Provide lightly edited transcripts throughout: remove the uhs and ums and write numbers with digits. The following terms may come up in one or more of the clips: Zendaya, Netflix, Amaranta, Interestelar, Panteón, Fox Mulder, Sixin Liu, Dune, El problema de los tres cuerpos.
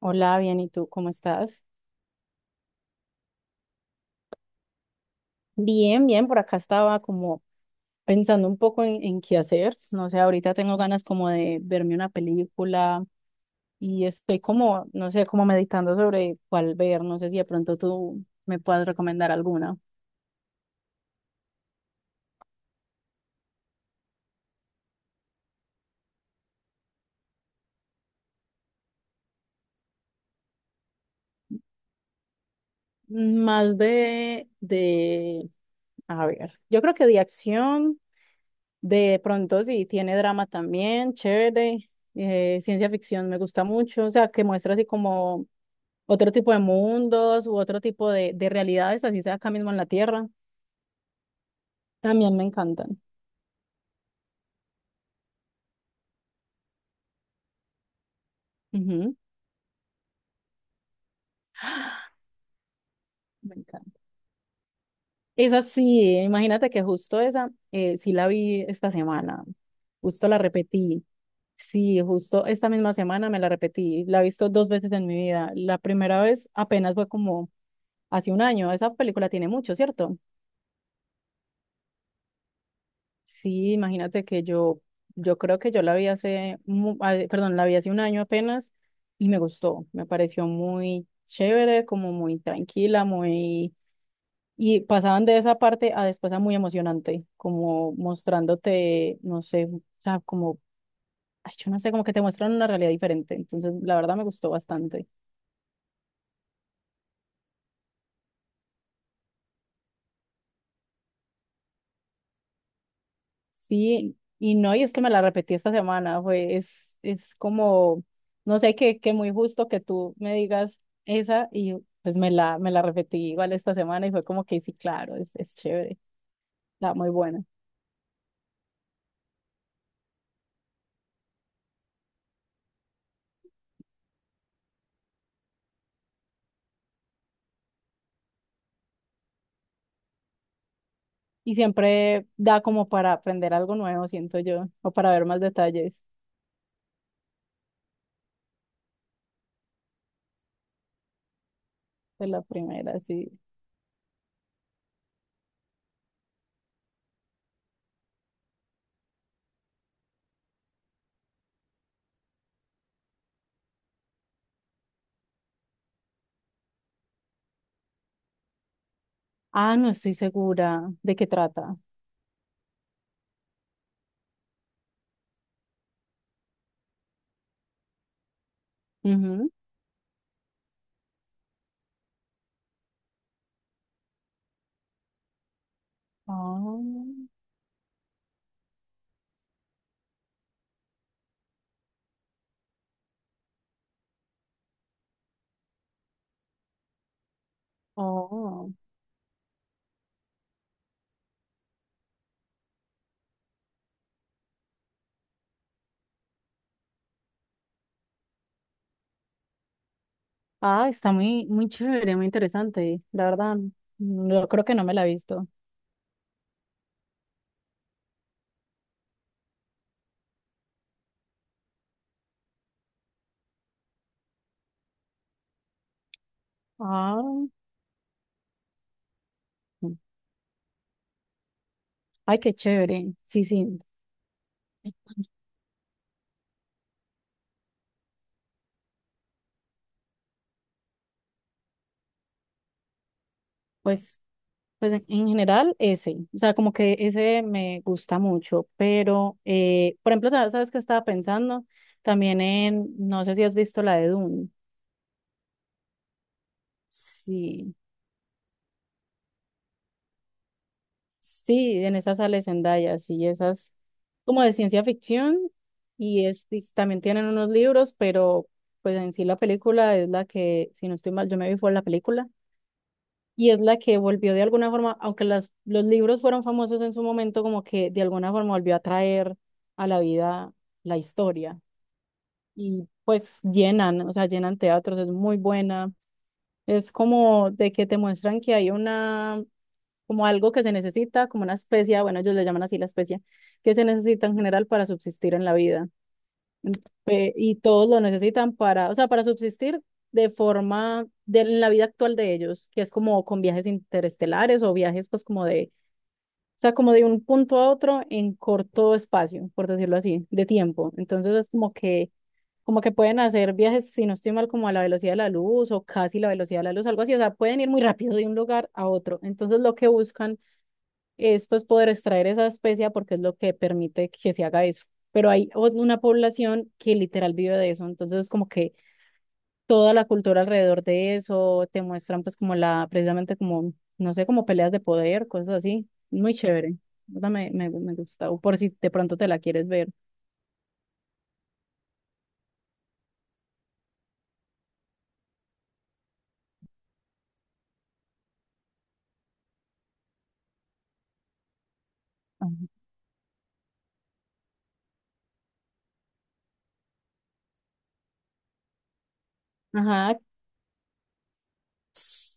Hola, bien, ¿y tú cómo estás? Bien, bien, por acá estaba como pensando un poco en qué hacer. No sé, ahorita tengo ganas como de verme una película y estoy como, no sé, como meditando sobre cuál ver. No sé si de pronto tú me puedas recomendar alguna. Más a ver, yo creo que de acción, de pronto sí, tiene drama también, chévere. Ciencia ficción me gusta mucho, o sea, que muestra así como otro tipo de mundos u otro tipo de realidades, así sea acá mismo en la Tierra. También me encantan. Ujú. Me encanta. Esa sí, imagínate que justo esa, sí la vi esta semana, justo la repetí. Sí, justo esta misma semana me la repetí, la he visto dos veces en mi vida. La primera vez apenas fue como hace un año, esa película tiene mucho, ¿cierto? Sí, imagínate que yo creo que yo la vi hace, perdón, la vi hace un año apenas y me gustó, me pareció muy chévere, como muy tranquila, muy... Y pasaban de esa parte a después a muy emocionante, como mostrándote, no sé, o sea, como, ay, yo no sé, como que te muestran una realidad diferente. Entonces, la verdad me gustó bastante. Sí, y no, y es que me la repetí esta semana, es como, no sé, que muy justo que tú me digas esa y pues me la repetí igual esta semana y fue como que sí, claro, es chévere, está muy buena. Y siempre da como para aprender algo nuevo, siento yo, o para ver más detalles de la primera, sí. Ah, no estoy segura de qué trata. Ujú. Oh, oh. Ah, está muy chévere, muy interesante, la verdad. Mm, yo creo que no me la he visto. Ah, ay, qué chévere. Sí, sí. Pues, pues en general ese. O sea, como que ese me gusta mucho. Pero, por ejemplo, ¿sabes qué estaba pensando? También en, no sé si has visto la de Dune. Sí. Sí, en esa sale Zendaya, sí, esas como de ciencia ficción y también tienen unos libros, pero pues en sí la película es la que, si no estoy mal, yo me vi fue la película y es la que volvió de alguna forma, aunque los libros fueron famosos en su momento, como que de alguna forma volvió a traer a la vida la historia y pues llenan, o sea, llenan teatros, es muy buena, es como de que te muestran que hay una como algo que se necesita, como una especia, bueno, ellos le llaman así la especia, que se necesita en general para subsistir en la vida. Y todos lo necesitan para, o sea, para subsistir de forma, de, en la vida actual de ellos, que es como con viajes interestelares o viajes pues como de, o sea, como de un punto a otro en corto espacio, por decirlo así, de tiempo. Entonces es como que pueden hacer viajes, si no estoy mal, como a la velocidad de la luz o casi la velocidad de la luz, algo así, o sea, pueden ir muy rápido de un lugar a otro. Entonces, lo que buscan es pues poder extraer esa especia porque es lo que permite que se haga eso. Pero hay una población que literal vive de eso, entonces es como que toda la cultura alrededor de eso te muestran pues como la, precisamente como, no sé, como peleas de poder, cosas así. Muy chévere. Esa me gusta, o por si de pronto te la quieres ver. Ah, ajá,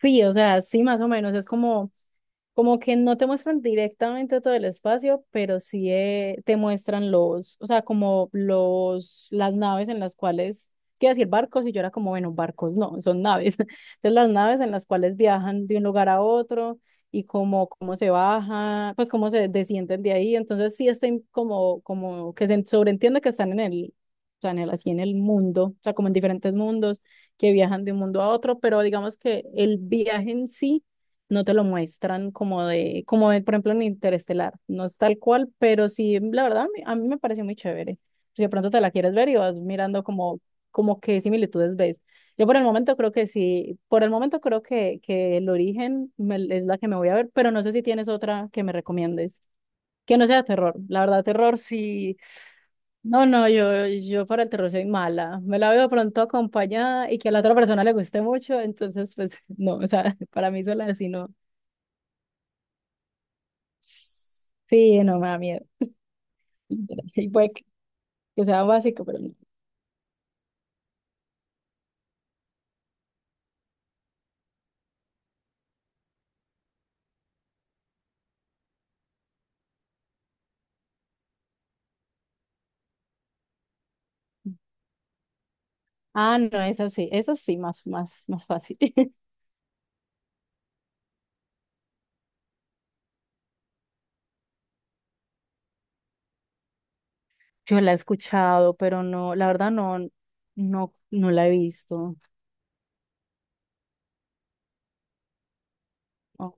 sí, o sea, sí, más o menos, es como como que no te muestran directamente todo el espacio, pero sí te muestran los, o sea, como los, las naves en las cuales, quiero decir barcos, y yo era como, bueno, barcos no, son naves. Entonces las naves en las cuales viajan de un lugar a otro y como cómo se baja, pues cómo se descienden de ahí. Entonces sí estén como, como que se sobreentiende que están en el, o sea, en el, así en el mundo, o sea, como en diferentes mundos que viajan de un mundo a otro, pero digamos que el viaje en sí no te lo muestran como como de, por ejemplo, en Interestelar. No es tal cual, pero sí, la verdad, a mí me pareció muy chévere. Si de pronto te la quieres ver y vas mirando como, como qué similitudes ves. Yo por el momento creo que sí, por el momento creo que el origen es la que me voy a ver, pero no sé si tienes otra que me recomiendes. Que no sea terror. La verdad, terror sí. No, no, yo para el terror soy mala. Me la veo pronto acompañada y que a la otra persona le guste mucho, entonces, pues, no, o sea, para mí sola así no. Sí, no me da miedo. Y puede que sea básico, pero no. Ah, no, más, más fácil. Yo la he escuchado, pero no, la verdad no, no la he visto. Oh,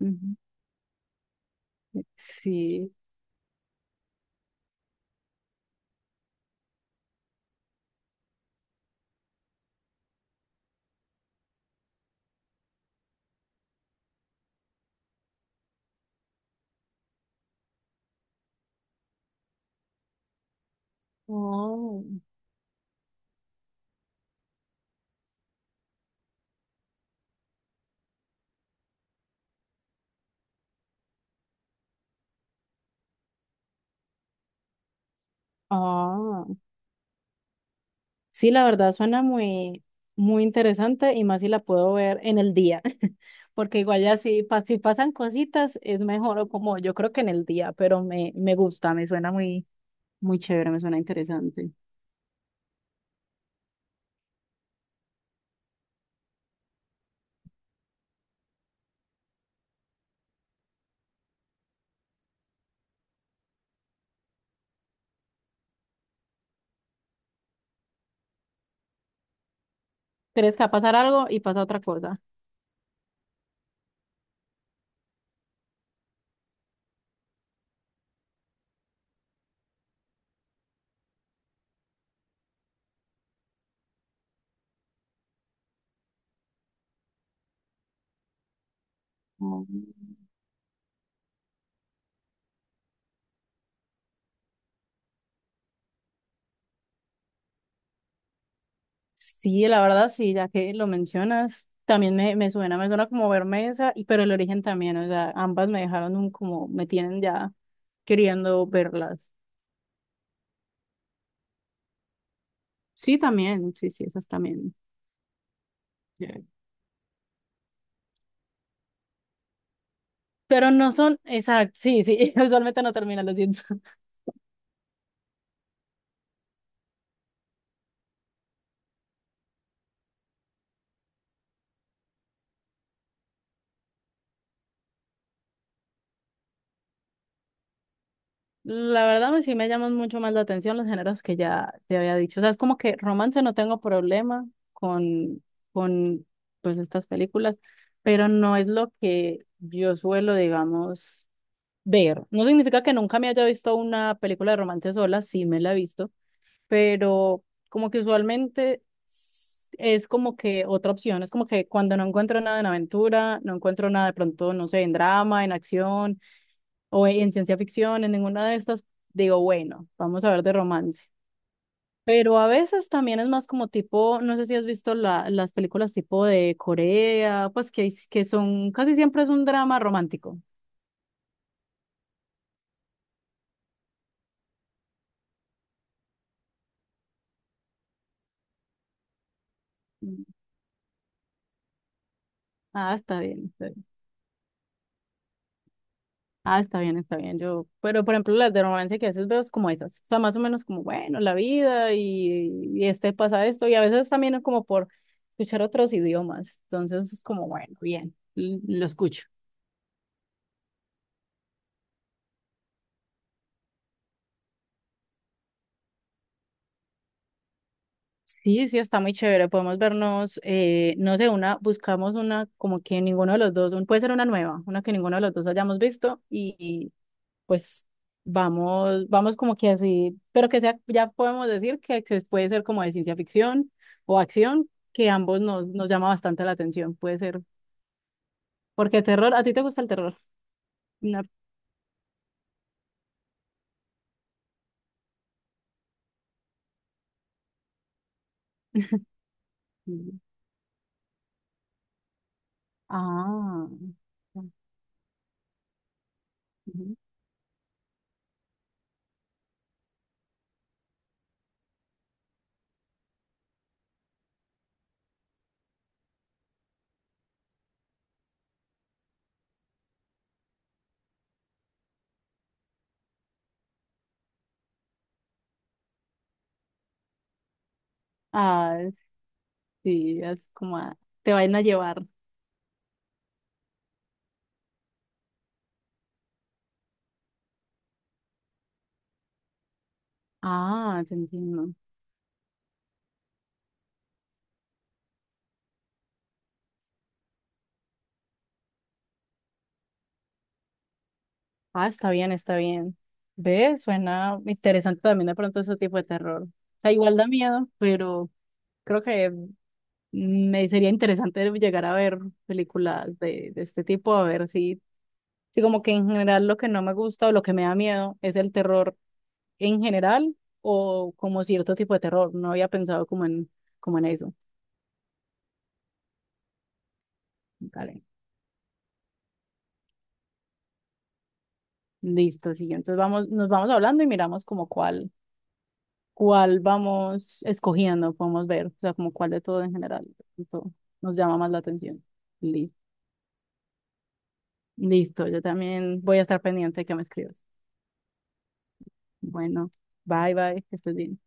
ujú. Sí. Oh, ah. Sí, la verdad suena muy, muy interesante y más si la puedo ver en el día, porque igual ya si, si pasan cositas es mejor o como yo creo que en el día, pero me gusta, me suena muy, muy chévere, me suena interesante. ¿Crees que va a pasar algo y pasa otra cosa? Mm. Sí, la verdad sí, ya que lo mencionas, también me suena como Bermesa, y, pero el origen también, o sea, ambas me dejaron un como, me tienen ya queriendo verlas. Sí, también, sí, sí, esas también. Bien. Pero no son, exacto, sí, sí, usualmente no termina, lo siento. La verdad, sí me llaman mucho más la atención los géneros que ya te había dicho. O sea, es como que romance no tengo problema con pues estas películas, pero no es lo que yo suelo, digamos, ver. No significa que nunca me haya visto una película de romance sola, sí me la he visto, pero como que usualmente es como que otra opción. Es como que cuando no encuentro nada en aventura, no encuentro nada de pronto, no sé, en drama, en acción o en ciencia ficción, en ninguna de estas, digo, bueno, vamos a ver de romance. Pero a veces también es más como tipo, no sé si has visto las películas tipo de Corea, pues que son, casi siempre es un drama romántico. Mm. Ah, está bien, está bien. Ah, está bien, está bien. Yo, pero por ejemplo, las de romance que a veces veo es como esas. O sea, más o menos como, bueno, la vida y este pasa esto. Y a veces también es como por escuchar otros idiomas. Entonces es como, bueno, bien, lo escucho. Sí, sí, está muy chévere. Podemos vernos, no sé, una, buscamos una como que ninguno de los dos, puede ser una nueva, una que ninguno de los dos hayamos visto y, pues vamos como que así, pero que sea, ya podemos decir que se puede ser como de ciencia ficción o acción, que ambos nos llama bastante la atención, puede ser, porque terror, ¿a ti te gusta el terror? No. Ah, ujú. Ah, sí, es como, te van a llevar. Ah, te entiendo. Ah, está bien, está bien. ¿Ves? Suena interesante también de pronto ese tipo de terror. O sea, igual da miedo, pero creo que me sería interesante llegar a ver películas de este tipo, a ver si, si como que en general lo que no me gusta o lo que me da miedo es el terror en general o como cierto tipo de terror. No había pensado como en, como en eso. Vale. Listo, sí. Entonces vamos, nos vamos hablando y miramos como cuál. Cuál vamos escogiendo, podemos ver, o sea, como cuál de todo en general de todo, nos llama más la atención. Listo. Listo, yo también voy a estar pendiente de que me escribas. Bueno, bye bye, que estés bien.